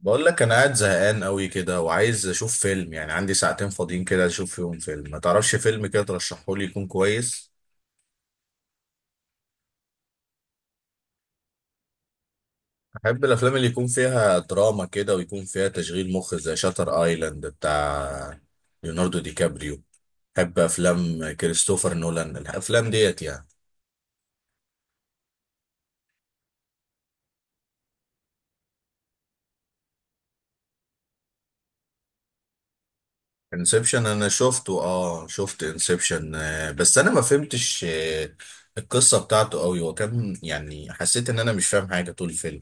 بقول لك انا قاعد زهقان قوي كده، وعايز اشوف فيلم. يعني عندي ساعتين فاضيين كده اشوف فيهم فيلم. ما تعرفش فيلم كده ترشحه لي يكون كويس؟ احب الافلام اللي يكون فيها دراما كده، ويكون فيها تشغيل مخ زي شاتر ايلاند بتاع ليوناردو دي كابريو. احب افلام كريستوفر نولان، الافلام ديت يعني. انسبشن انا شفته، اه، شفت انسبشن. بس انا ما فهمتش القصة بتاعته قوي، وكان يعني حسيت ان انا مش فاهم حاجة طول الفيلم.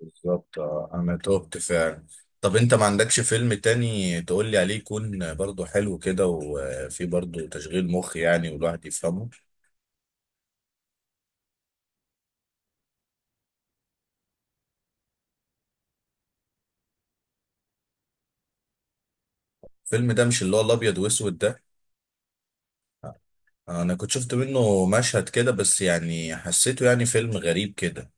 بالظبط، انا تهت فعلا. طب انت ما عندكش فيلم تاني تقول لي عليه، يكون برضو حلو كده وفيه برضو تشغيل مخ يعني، والواحد يفهمه؟ الفيلم ده مش اللي هو الابيض واسود ده؟ انا كنت شفت منه مشهد كده، بس يعني حسيته يعني فيلم غريب كده.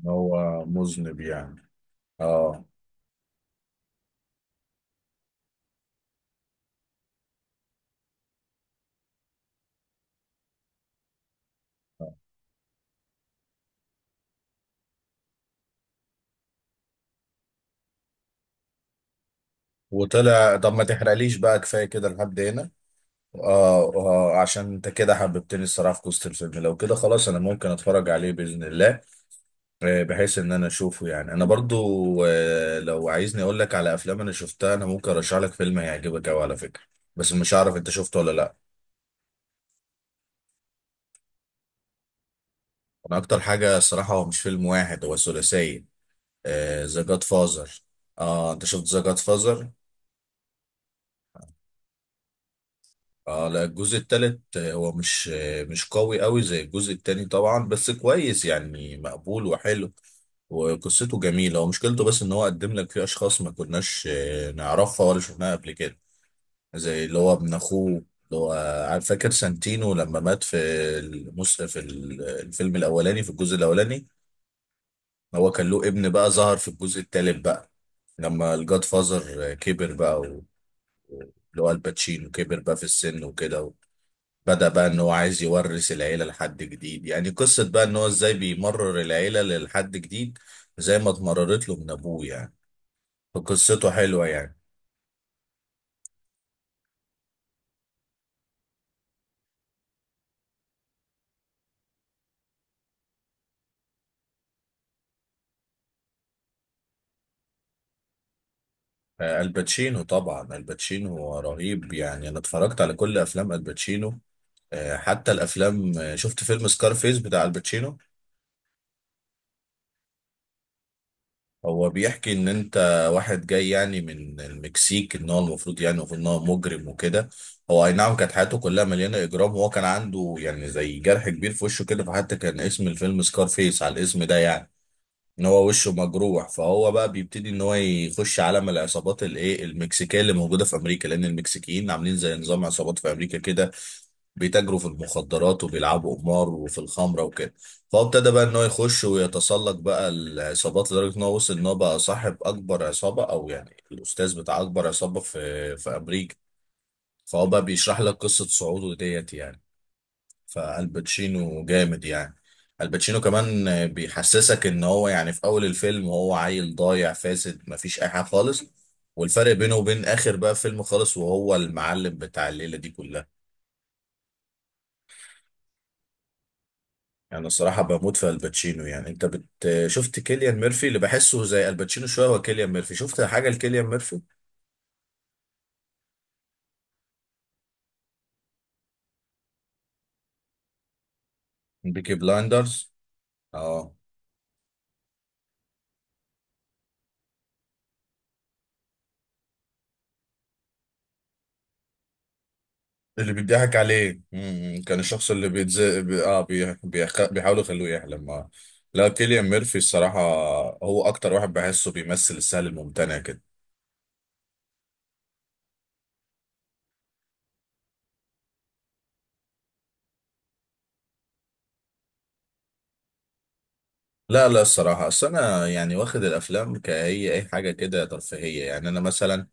إن هو مذنب يعني. اه. وطلع. طب ما تحرقليش بقى، كفايه كده لحد هنا. اه، عشان انت كده حببتني الصراحه في قصه الفيلم. لو كده خلاص انا ممكن اتفرج عليه باذن الله. بحيث ان انا اشوفه يعني. انا برضو لو عايزني اقول لك على افلام انا شفتها، انا ممكن ارشح لك فيلم هيعجبك قوي على فكره. بس مش عارف انت شفته ولا لا. انا اكتر حاجه الصراحه هو مش فيلم واحد، هو ثلاثيه. ذا جاد فازر. اه، The Godfather. انت شفت ذا جاد فازر؟ اه لا، الجزء التالت هو مش مش قوي قوي زي الجزء التاني طبعا، بس كويس يعني مقبول وحلو. وقصته جميلة. ومشكلته بس ان هو قدم لك فيه اشخاص ما كناش نعرفها ولا شفناها قبل كده. زي اللي هو ابن اخوه. اللي هو عارف، فاكر سانتينو لما مات في في الفيلم الاولاني، في الجزء الاولاني. هو كان له ابن بقى، ظهر في الجزء التالت بقى، لما الجاد فازر كبر بقى، اللي هو الباتشينو كبر بقى في السن وكده. بدأ بقى ان هو عايز يورث العيلة لحد جديد. يعني قصة بقى ان هو ازاي بيمرر العيلة لحد جديد. زي ما اتمررت له من ابوه يعني. فقصته حلوة يعني. الباتشينو طبعا، الباتشينو رهيب يعني. انا اتفرجت على كل افلام الباتشينو. حتى الافلام شفت فيلم سكارفيس بتاع الباتشينو. هو بيحكي ان انت واحد جاي يعني من المكسيك، ان هو المفروض يعني المفروض ان هو مجرم وكده. هو اي نعم كانت حياته كلها مليانه اجرام. وهو كان عنده يعني زي جرح كبير في وشه كده، فحتى كان اسم الفيلم سكارفيس على الاسم ده يعني. ان هو وشه مجروح، فهو بقى بيبتدي ان هو يخش عالم العصابات الايه المكسيكيه اللي موجوده في امريكا، لان المكسيكيين عاملين زي نظام عصابات في امريكا كده. بيتاجروا في المخدرات وبيلعبوا قمار وفي الخمره وكده. فهو ابتدى بقى ان هو يخش ويتسلق بقى العصابات، لدرجه ان هو وصل ان هو بقى صاحب اكبر عصابه، او يعني الاستاذ بتاع اكبر عصابه في امريكا. فهو بقى بيشرح لك قصه صعوده ديت يعني. فالباتشينو جامد يعني. الباتشينو كمان بيحسسك ان هو يعني في اول الفيلم هو عيل ضايع فاسد، مفيش اي حاجه خالص. والفرق بينه وبين اخر بقى فيلم خالص، وهو المعلم بتاع الليله دي كلها. يعني الصراحه بموت في الباتشينو يعني. انت بت... شفت كيليان ميرفي؟ اللي بحسه زي الباتشينو شويه هو كيليان ميرفي. شفت حاجه لكيليان ميرفي؟ بيكي بلايندرز. اه. اللي بيضحك عليه، كان الشخص اللي بيحاولوا يخلوه يحلم. لا، كيليان ميرفي الصراحة. هو أكتر واحد بحسه بيمثل السهل الممتنع كده. لا لا الصراحة، أصل أنا يعني واخد الأفلام كهي أي حاجة كده ترفيهية يعني. أنا مثلا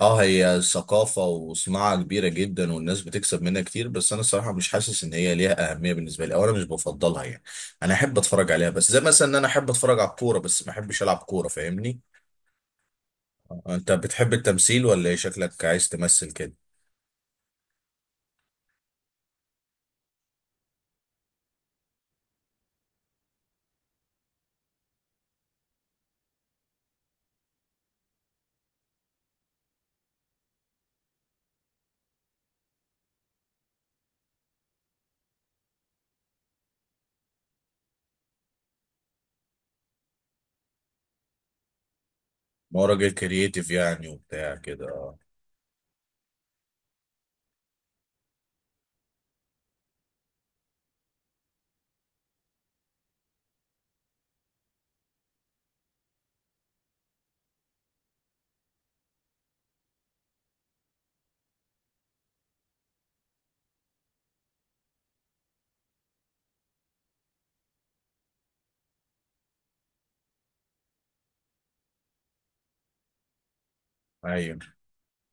اه هي ثقافة وصناعة كبيرة جدا، والناس بتكسب منها كتير. بس أنا الصراحة مش حاسس إن هي ليها أهمية بالنسبة لي، أو أنا مش بفضلها يعني. أنا أحب أتفرج عليها، بس زي مثلا إن أنا أحب أتفرج على الكورة بس ما أحبش ألعب كورة، فاهمني؟ انت بتحب التمثيل ولا ايه؟ شكلك عايز تمثل كده. ما هو راجل كرييتيف يعني، وبتاع كده. اه. ايوه،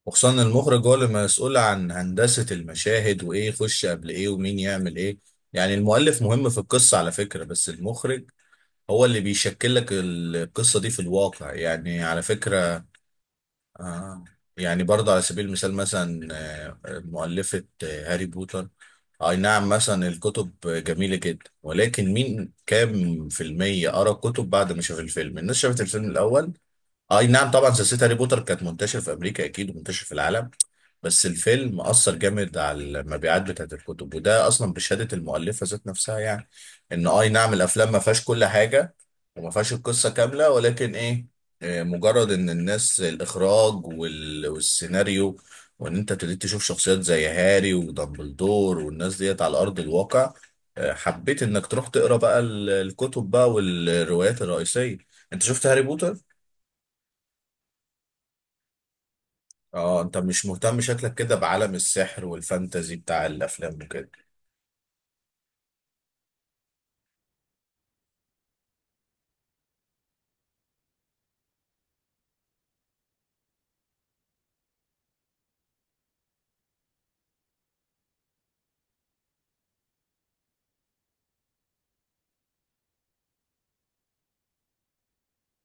وخصوصا إن المخرج هو اللي مسؤول عن هندسة المشاهد، وايه يخش قبل ايه، ومين يعمل ايه. يعني المؤلف مهم في القصة على فكرة، بس المخرج هو اللي بيشكل لك القصة دي في الواقع يعني، على فكرة. آه. يعني برضه على سبيل المثال مثلا، مؤلفة هاري بوتر. أي نعم مثلا الكتب جميلة جدا، ولكن مين كام في المية قرأ الكتب بعد ما شاف الفيلم؟ الناس شافت الفيلم الأول. اي نعم طبعا، سلسله هاري بوتر كانت منتشر في امريكا اكيد، ومنتشر في العالم. بس الفيلم اثر جامد على المبيعات بتاعت الكتب، وده اصلا بشهاده المؤلفه ذات نفسها يعني. ان اي نعم الافلام ما فيهاش كل حاجه، وما فيهاش القصه كامله، ولكن ايه؟ مجرد ان الناس، الاخراج والسيناريو، وان انت ابتديت تشوف شخصيات زي هاري ودامبلدور والناس ديت على ارض الواقع. حبيت انك تروح تقرا بقى الكتب بقى، والروايات الرئيسيه. انت شفت هاري بوتر؟ اه، انت مش مهتم شكلك كده بعالم السحر والفانتزي بتاع الافلام وكده.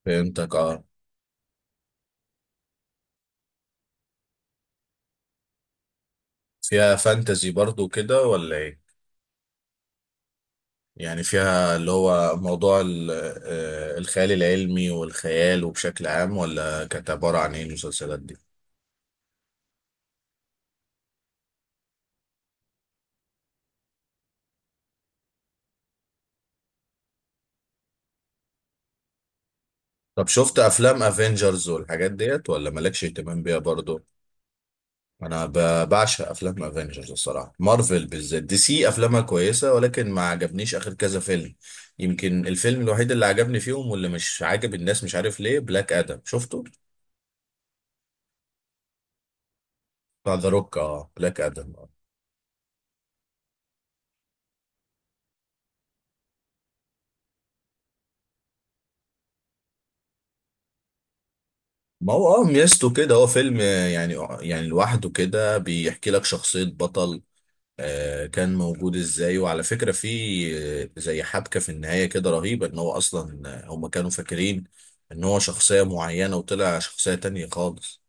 فهمتك. اه. فيها فانتزي برضو كده ولا ايه؟ يعني فيها اللي هو موضوع الخيال العلمي والخيال، وبشكل عام ولا كانت عبارة عن ايه المسلسلات دي؟ طب شفت افلام افنجرز والحاجات ديت، ولا مالكش اهتمام بيها برضو؟ انا بعشق افلام افنجرز الصراحه. مارفل بالذات. دي سي افلامها كويسه، ولكن ما عجبنيش اخر كذا فيلم. يمكن الفيلم الوحيد اللي عجبني فيهم واللي مش عاجب الناس، مش عارف ليه، بلاك ادم. شفته؟ بتاع ذا روك. اه، بلاك ادم. ما هو ميزته كده هو فيلم، يعني يعني لوحده كده بيحكي لك شخصيه بطل كان موجود ازاي، وعلى فكره في زي حبكه في النهايه كده رهيبه، ان هو اصلا هم كانوا فاكرين ان هو شخصيه معينه، وطلع شخصيه تانية خالص.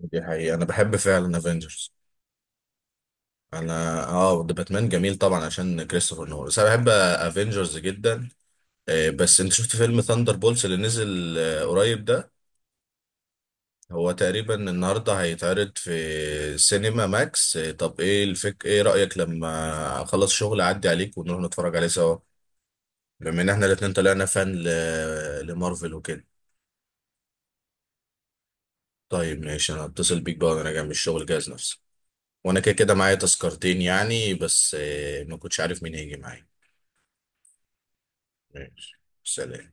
دي حقيقة، أنا بحب فعلا افنجرز. أنا ده باتمان جميل طبعا عشان كريستوفر نولان، بس أنا بحب افنجرز جدا. بس أنت شفت فيلم ثاندر بولز اللي نزل قريب ده؟ هو تقريبا النهاردة هيتعرض في سينما ماكس. طب إيه رأيك لما أخلص شغل أعدي عليك ونروح نتفرج عليه سوا؟ بما إن إحنا الاتنين طلعنا فان لمارفل وكده. طيب ماشي، أنا هتصل بيك بقى وأنا جاي من الشغل. جاهز نفسي. وأنا كده كده معايا تذكرتين يعني، بس ما كنتش عارف مين هيجي معايا. ماشي. سلام.